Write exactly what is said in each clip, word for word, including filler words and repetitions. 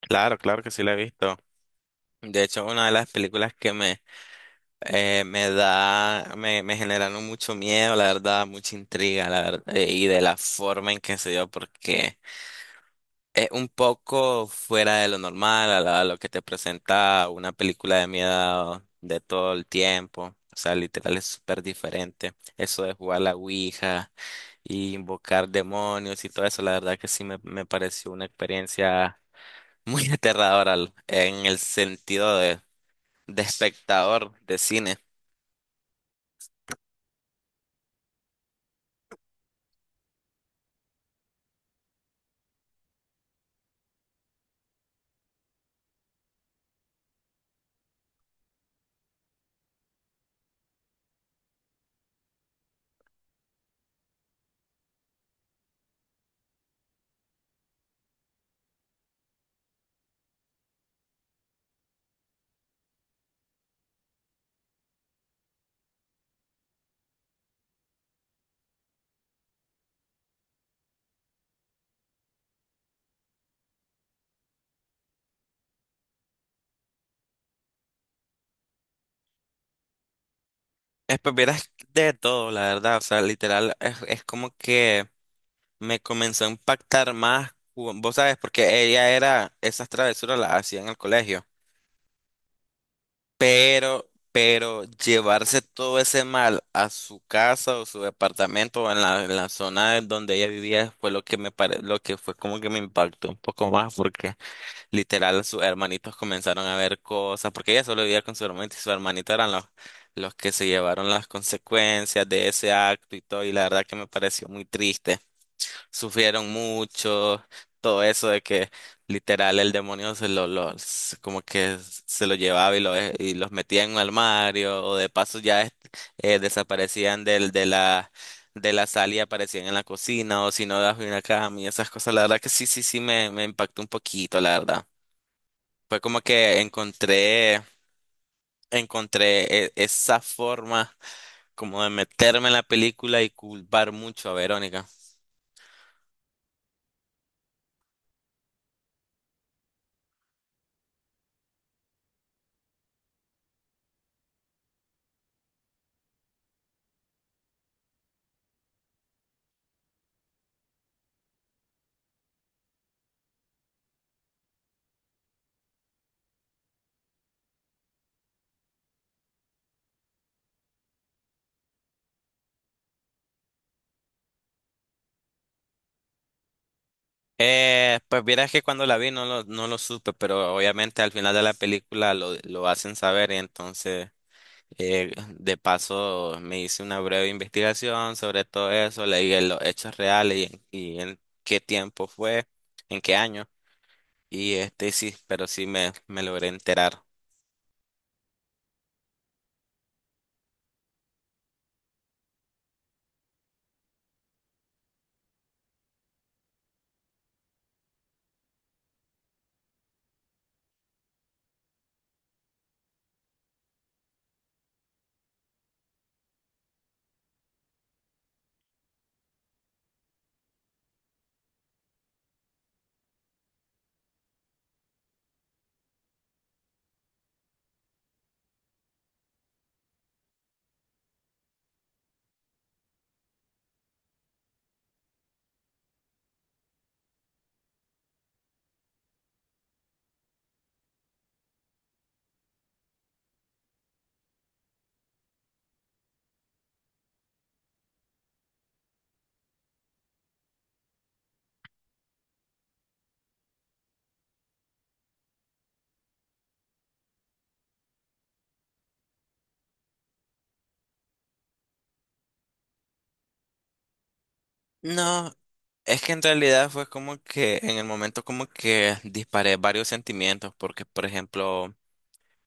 Claro, claro que sí la he visto. De hecho, una de las películas que me, eh, me da, me, me generaron mucho miedo, la verdad, mucha intriga, la verdad, eh, y de la forma en que se dio, porque es un poco fuera de lo normal, a, la- a lo que te presenta una película de miedo de todo el tiempo. O sea, literal es súper diferente. Eso de jugar la Ouija y invocar demonios y todo eso, la verdad que sí me, me pareció una experiencia. Muy aterrador al- en el sentido de, de, espectador de cine. Eh, pues vieras de todo, la verdad. O sea, literal, es, es como que me comenzó a impactar más. cu- Vos sabes, porque ella era, esas travesuras las hacía en el colegio. Pero, pero llevarse todo ese mal a su casa o su departamento o en la, en la, zona de donde ella vivía fue lo que me pare, lo que fue como que me impactó un poco más porque literal, sus hermanitos comenzaron a ver cosas, porque ella solo vivía con su hermanito y su hermanito eran los, los que se llevaron las consecuencias de ese acto y todo, y la verdad que me pareció muy triste. Sufrieron mucho, todo eso de que literal el demonio se lo, los, como que se lo llevaba y, lo, y los metía en un armario, o de paso ya es- eh, desaparecían del, de la, de la sala y aparecían en la cocina, o si no, bajo una cama y esas cosas. La verdad que sí, sí, sí me, me impactó un poquito, la verdad. Fue como que encontré, encontré e- esa forma como de meterme en la película y culpar mucho a Verónica. Eh, pues vieras que cuando la vi no lo, no lo supe, pero obviamente al final de la película lo, lo hacen saber y entonces eh, de paso me hice una breve investigación sobre todo eso, leí en los hechos reales y, en y en qué tiempo fue, en qué año y este sí, pero sí me, me logré enterar. No, es que en realidad fue como que en el momento como que disparé varios sentimientos, porque por ejemplo,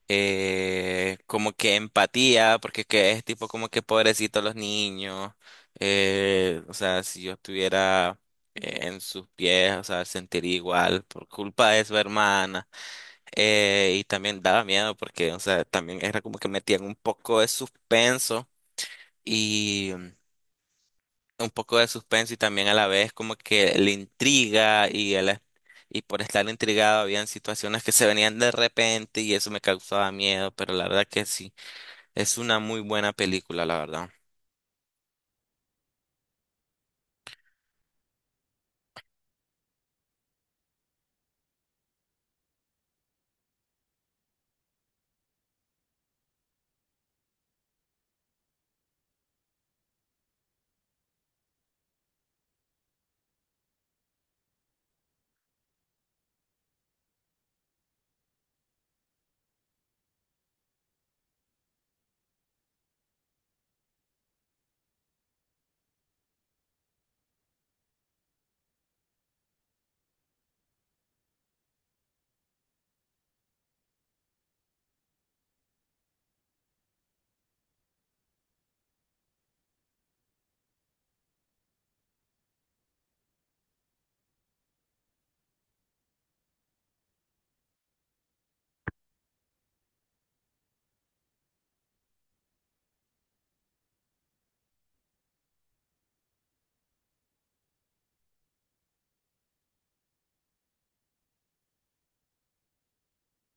eh, como que empatía, porque que es tipo como que pobrecito los niños, eh, o sea, si yo estuviera eh, en sus pies, o sea, sentiría igual por culpa de su hermana, eh, y también daba miedo porque, o sea, también era como que metían un poco de suspenso. Y un poco de suspenso y también a la vez como que le intriga y, el- y por estar intrigado habían situaciones que se venían de repente y eso me causaba miedo, pero la verdad que sí, es una muy buena película, la verdad.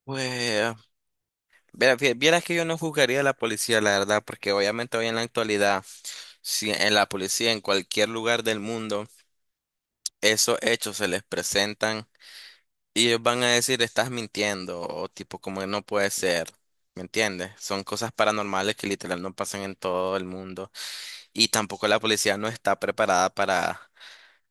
Pues, viera- vie- vieras que yo no juzgaría a la policía, la verdad, porque obviamente hoy en la actualidad, si en la policía, en cualquier lugar del mundo, esos hechos se les presentan. Y ellos van a decir, estás mintiendo, o tipo, como que no puede ser. ¿Me entiendes? Son cosas paranormales que literal no pasan en todo el mundo. Y tampoco la policía no está preparada para,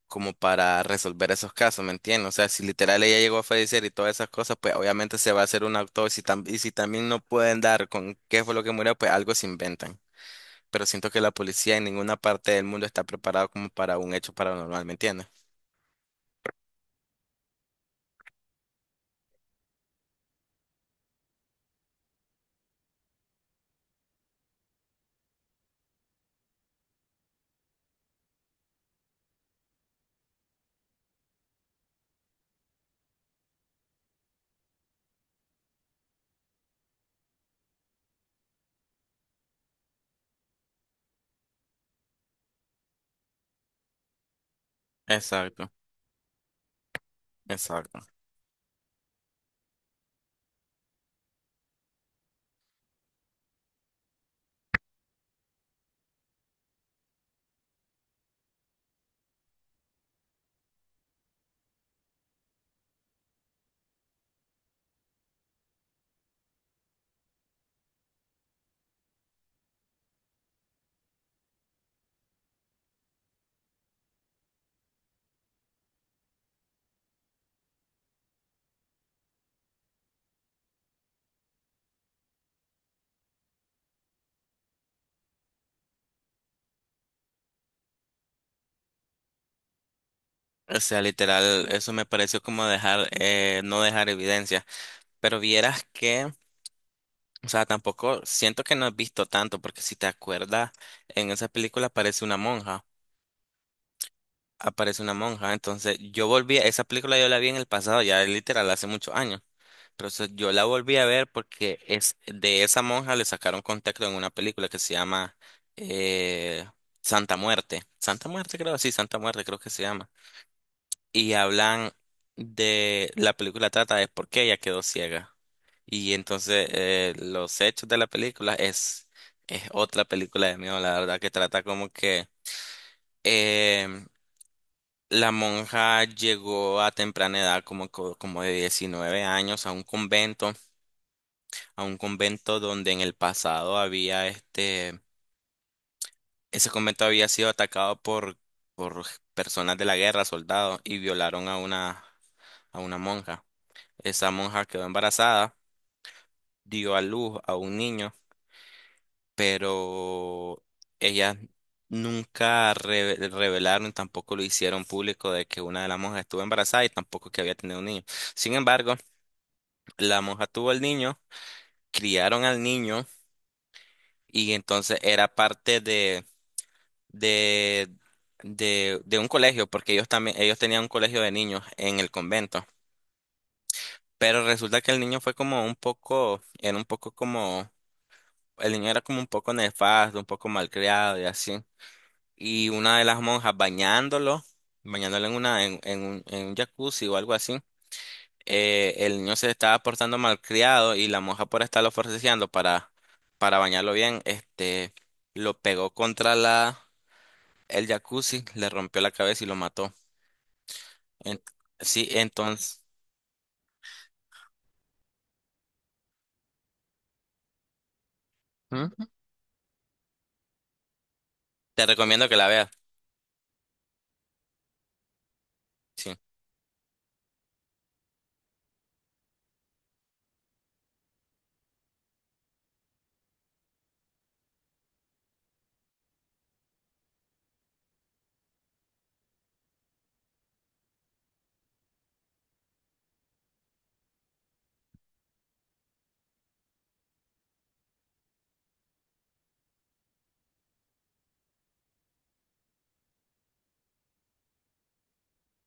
como para resolver esos casos, ¿me entiendes? O sea, si literal ella llegó a fallecer y todas esas cosas, pues obviamente se va a hacer una autopsia. Y, si tam- y si también no pueden dar con qué fue lo que murió, pues algo se inventan. Pero siento que la policía en ninguna parte del mundo está preparada como para un hecho paranormal, ¿me entiendes? Exacto, exacto. O sea, literal, eso me pareció como dejar, eh, no dejar evidencia. Pero vieras que, o sea, tampoco siento que no has visto tanto, porque si te acuerdas, en esa película aparece una monja, aparece una monja. Entonces, yo volví, esa película yo la vi en el pasado, ya literal, hace muchos años. Pero o yo la volví a ver porque es de esa monja le sacaron contexto en una película que se llama eh, Santa Muerte. Santa Muerte creo, sí, Santa Muerte creo que se llama. Y hablan de la película trata de por qué ella quedó ciega. Y entonces eh, los hechos de la película es, es otra película de miedo, la verdad, que trata como que em, la monja llegó a temprana edad, como, co- como de diecinueve años, a un convento, a un convento donde en el pasado había este, ese convento había sido atacado por, por personas de la guerra, soldados, y violaron a una, a una monja. Esa monja quedó embarazada, dio a luz a un niño, pero ellas nunca re- revelaron, tampoco lo hicieron público de que una de las monjas estuvo embarazada y tampoco que había tenido un niño. Sin embargo, la monja tuvo al niño, criaron al niño y entonces era parte de, de, de, de un colegio, porque ellos también, ellos tenían un colegio de niños en el convento. Pero resulta que el niño fue como un poco, era un poco como el niño era como un poco nefasto, un poco malcriado y así. Y una de las monjas bañándolo, bañándolo en una, en, en un, en un jacuzzi o algo así, eh, el niño se estaba portando malcriado y la monja por estarlo forcejeando para, para bañarlo bien, este, lo pegó contra la, el jacuzzi, le rompió la cabeza y lo mató. En- sí, entonces, Ujú. Te recomiendo que la veas. Sí,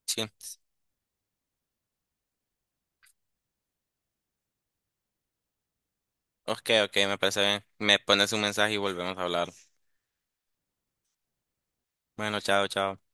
sí. Ok, ok, me parece bien. Me pones un mensaje y volvemos a hablar. Bueno, chao, chao.